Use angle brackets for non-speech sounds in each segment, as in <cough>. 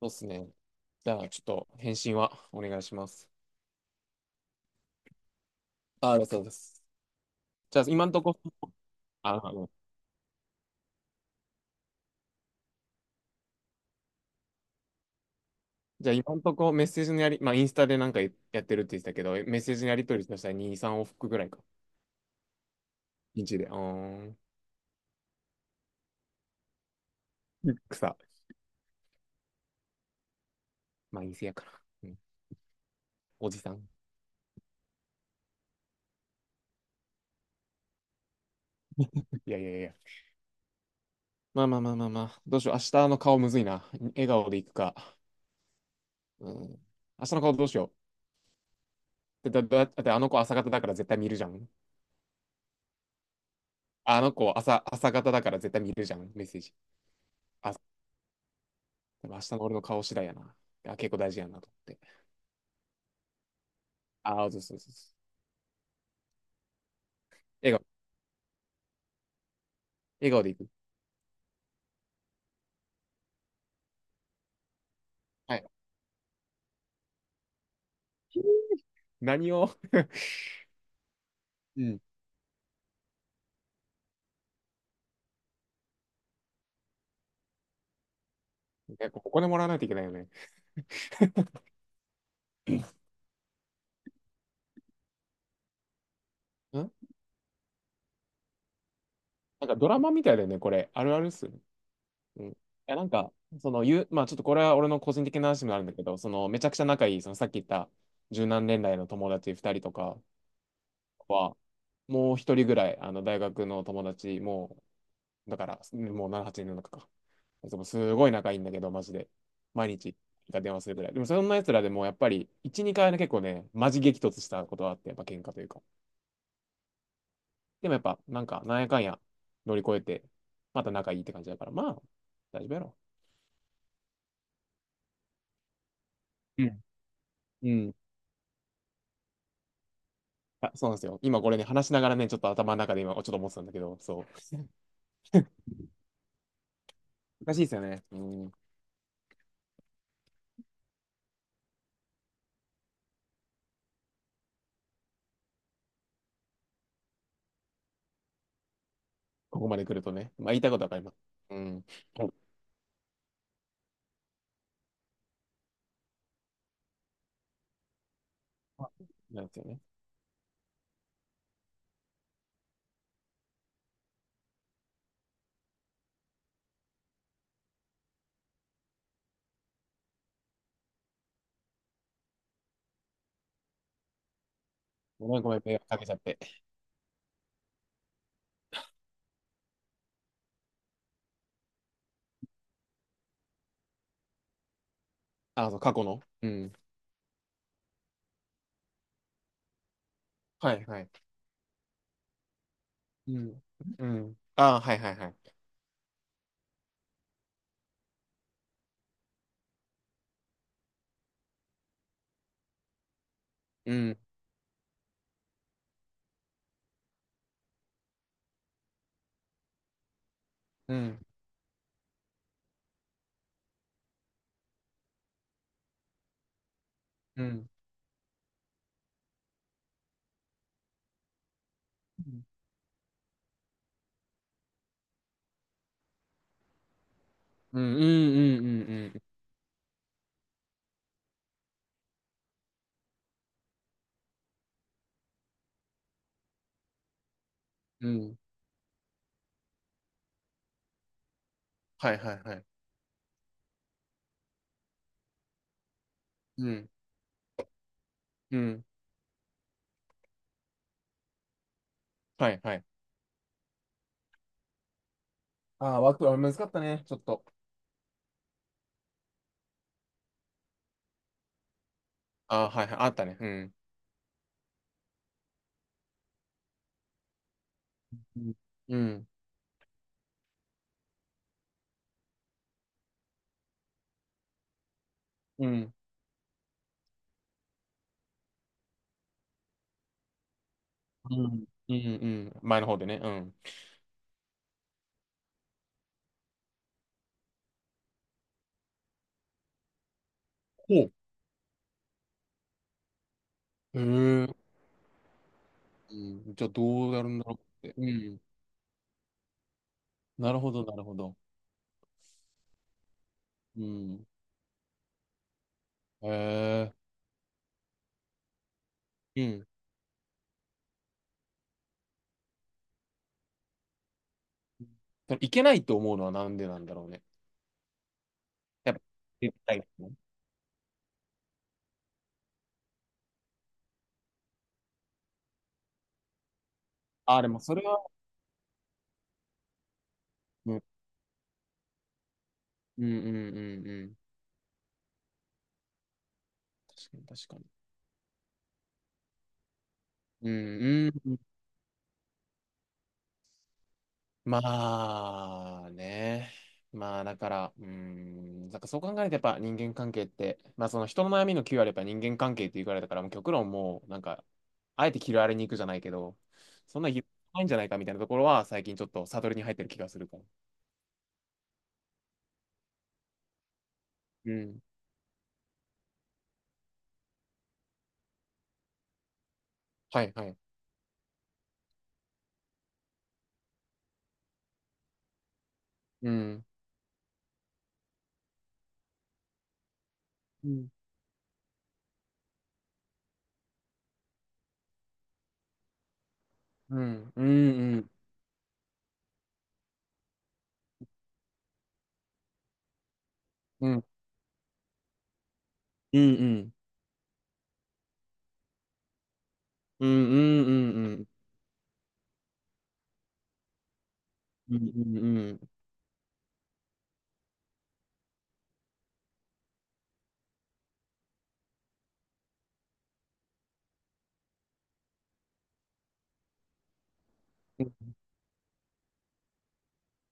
そうですね。じゃあ、ちょっと返信はお願いします。ああ、そうです。じゃあ、今んとこ、あ、あ、じゃあ、今んとこメッセージのやり、まあ、インスタでなんかやってるって言ってたけど、メッセージのやり取りとしたら2、3往復ぐらいか。1で。ん。草。まあ、陰性やから。うん。おじさん。<laughs> いやいやいや。まあまあまあまあまあ。どうしよう。明日の顔むずいな。笑顔でいくか。うん。明日の顔どうしよう。だってあの子朝方だから絶対見るじゃん。あの子朝、朝方だから絶対見るじゃん。メッセージ。朝でも明日の俺の顔次第やな。あ、結構大事やなと思って。ああ、そうそうそうそう。笑顔、笑顔でいく。はい。何を <laughs> うん。なんかお金もらわないといけないよね。ん。なんかドラマみたいだよね、これ。あるあるっすよね。うん。いや、なんか、まあちょっとこれは俺の個人的な話になるんだけど、その、めちゃくちゃ仲いい、そのさっき言った十何年来の友達二人とかは、もう一人ぐらい、あの、大学の友達もだから、もう7、8年の中か。いつもすごい仲いいんだけど、マジで。毎日電話するぐらい。でもそんな奴らでもやっぱり、1、2回ね、結構ね、マジ激突したことはあって、やっぱ喧嘩というか。でもやっぱ、なんか、なんやかんや乗り越えて、また仲いいって感じだから、まあ、大丈夫やろ。うんうん。あ、そうなんですよ。今これね、話しながらね、ちょっと頭の中で今、ちょっと思ってたんだけど、そう。難しいですよね。うん。ここまで来るとね。まあ、言いたいことわかります。うん。あ、なんですよね。ごめんごめん、迷惑かけちゃって。あ、そう、過去の。うん。はいはい。うん。うん。ああ、はいはいはい。うん。うん。うん。うん。うん。うん。うん。うん。うん。はいはいはい。うん。うん。はいはい。ああ、ワークは難かったね、ちょっと。ああ、はいはい。あったね。うん。うん。うん。うん。うん。うん前の方でね。うん。ほう。へえ。うん。じゃあどうなるんだろうって。うん。なるほど、なるほど。うん。へえ。うん。でもいけないと思うのはなんでなんだろうね。やっぱ、絶対。ああ、でもそれは、うんうんうんうん。確かに確かに。うんうんうん。まあね。まあだから、うん、なんかそう考えるとやっぱ人間関係って、まあその人の悩みのキューあれば人間関係って言われたからも極論もうなんか、あえてキルアレに行くじゃないけど、そんな広いんじゃないかみたいなところは最近ちょっとサドルに入ってる気がするから。うん。はいはい。うんうんうんうんうんうんうんうんうんうんうんうん。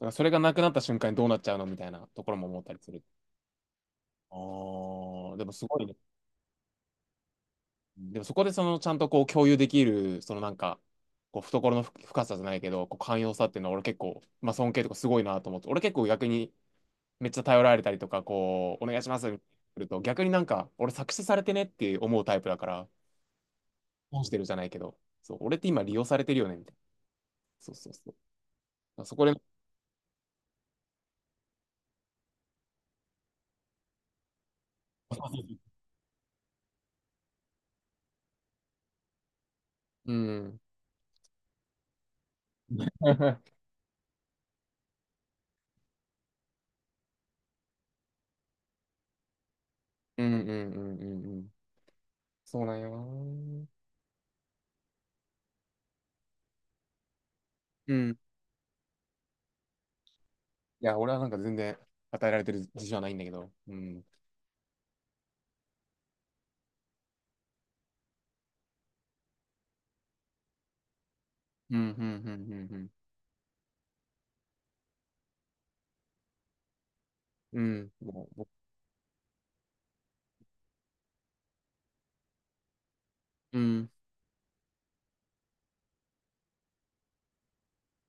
なんかそれがなくなった瞬間にどうなっちゃうのみたいなところも思ったりする。あーでもすごいね。でもそこでそのちゃんとこう共有できる、そのなんか、こう懐の深さじゃないけど、こう寛容さっていうのは俺結構、まあ尊敬とかすごいなと思って、俺結構逆にめっちゃ頼られたりとか、こう、お願いしますみたいなると、逆になんか、俺作詞されてねって思うタイプだから、損してるじゃないけど、そう、俺って今利用されてるよねみたいな。そうそうそう。あそこで、うん。<laughs> うんうんうんうんうん。そうなんよな。うんうん。いや、俺はなんか全然与えられてる自信はないんだけど。うん。うん、うん、うん、うん、うん。うん、もう、僕、うん。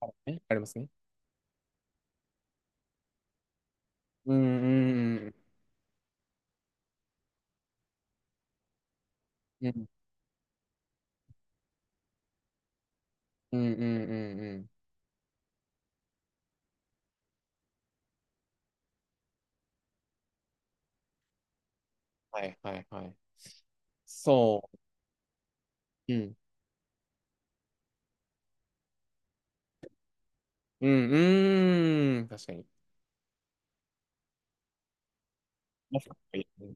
あ、えありますね。うん、うん、うん、うん、うん、うん、うんうん。はい、はい、はい。そう。うん、うん、うーん。確かに。もしかしたら、うん。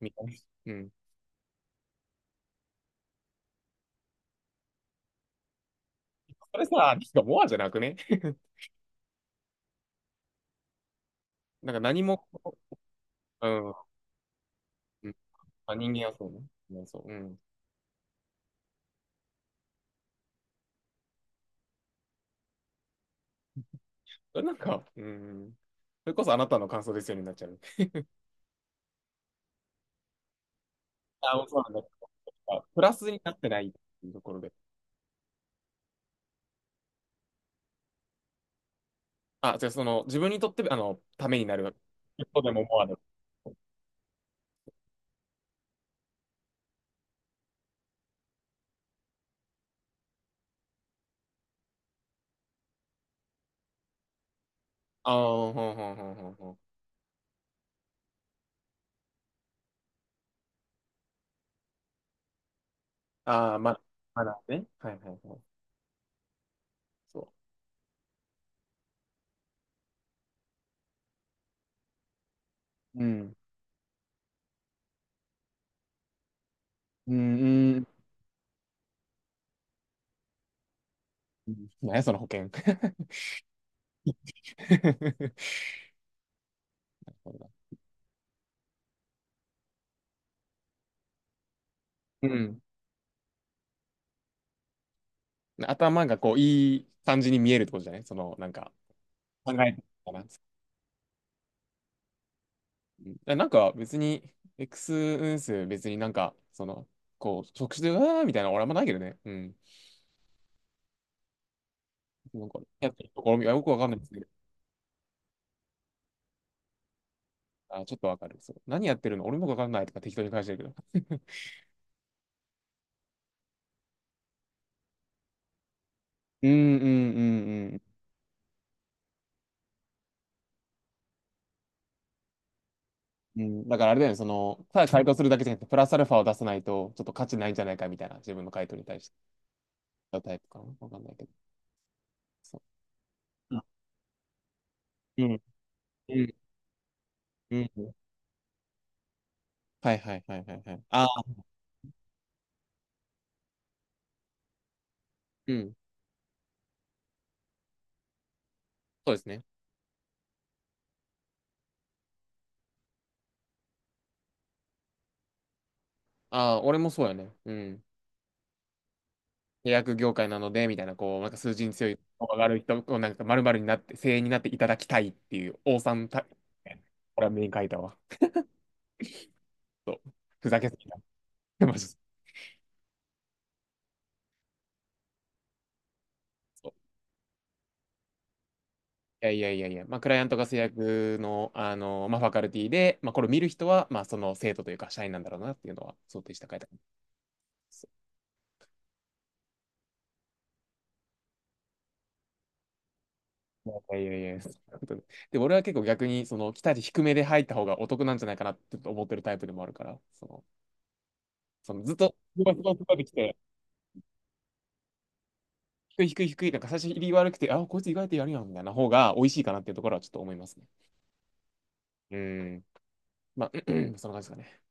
みたいな。うん。それさ、なんかモアじゃなくね <laughs> なんか何も、うん。うん。まあ、人間はそうね。うんそう。うん。それなんか、うん。それこそあなたの感想ですよになっちゃう。あ、もうそうなんだ。プラスになってないっていうところで。あ、じゃあその、自分にとって、あの、ためになるわけ。一歩でも思わぬ。ああ、ほんほんほんほんほん。ああ、ま、まだね。はいはいはい。そう。うん。うん、うん。何や、その保険。<laughs> そうだ、うん。頭がこう、いい感じに見えるってことじゃないその、なんか、考えてたな。うん。だなんか別に、X 運数別になんか、その、こう、直視で、うわーみたいな、俺はあんまないけどね。うん。なんか、やってるところ、いやよくわかんないですけど、あ、ちょっとわかる。そう。何やってるの俺もわかんないとか適当に返してるけど。うんうんうんうん。うんだからあれだよね、その、ただ回答するだけじゃなくて、プラスアルファを出さないと、ちょっと価値ないんじゃないかみたいな、自分の回答に対してのタイプかな。わかんないけど。そう、あ、うん、うん、うん。はいはいはいはいはい。ああ、うん。そうですね。ああ、俺もそうやね。うん。契約業界なので、みたいな、こう、なんか数字に強い、上がる人、こうなんか丸々になって、精鋭になっていただきたいっていう、王さんた、これはメイン書いたわ。そう。ふざけすぎた。<laughs> マジで、そう。いやいやいやいや、まあ、クライアントが制約の、あの、まあ、ファカルティで、まあ、これを見る人は、まあ、その生徒というか、社員なんだろうなっていうのは想定して書いてあります。そう。いやいやいや、そういうことで、で俺は結構逆に、その、期待値低めで入った方がお得なんじゃないかなって思ってるタイプでもあるから、その、そのずっと、すごいすごいすごいってきて、低い低い低い、なんか最初入り悪くて、あ、こいつ意外とやるやん、みたいな方が美味しいかなっていうところはちょっと思いますね。うん。まあ、<clears throat> そんな感じですかね。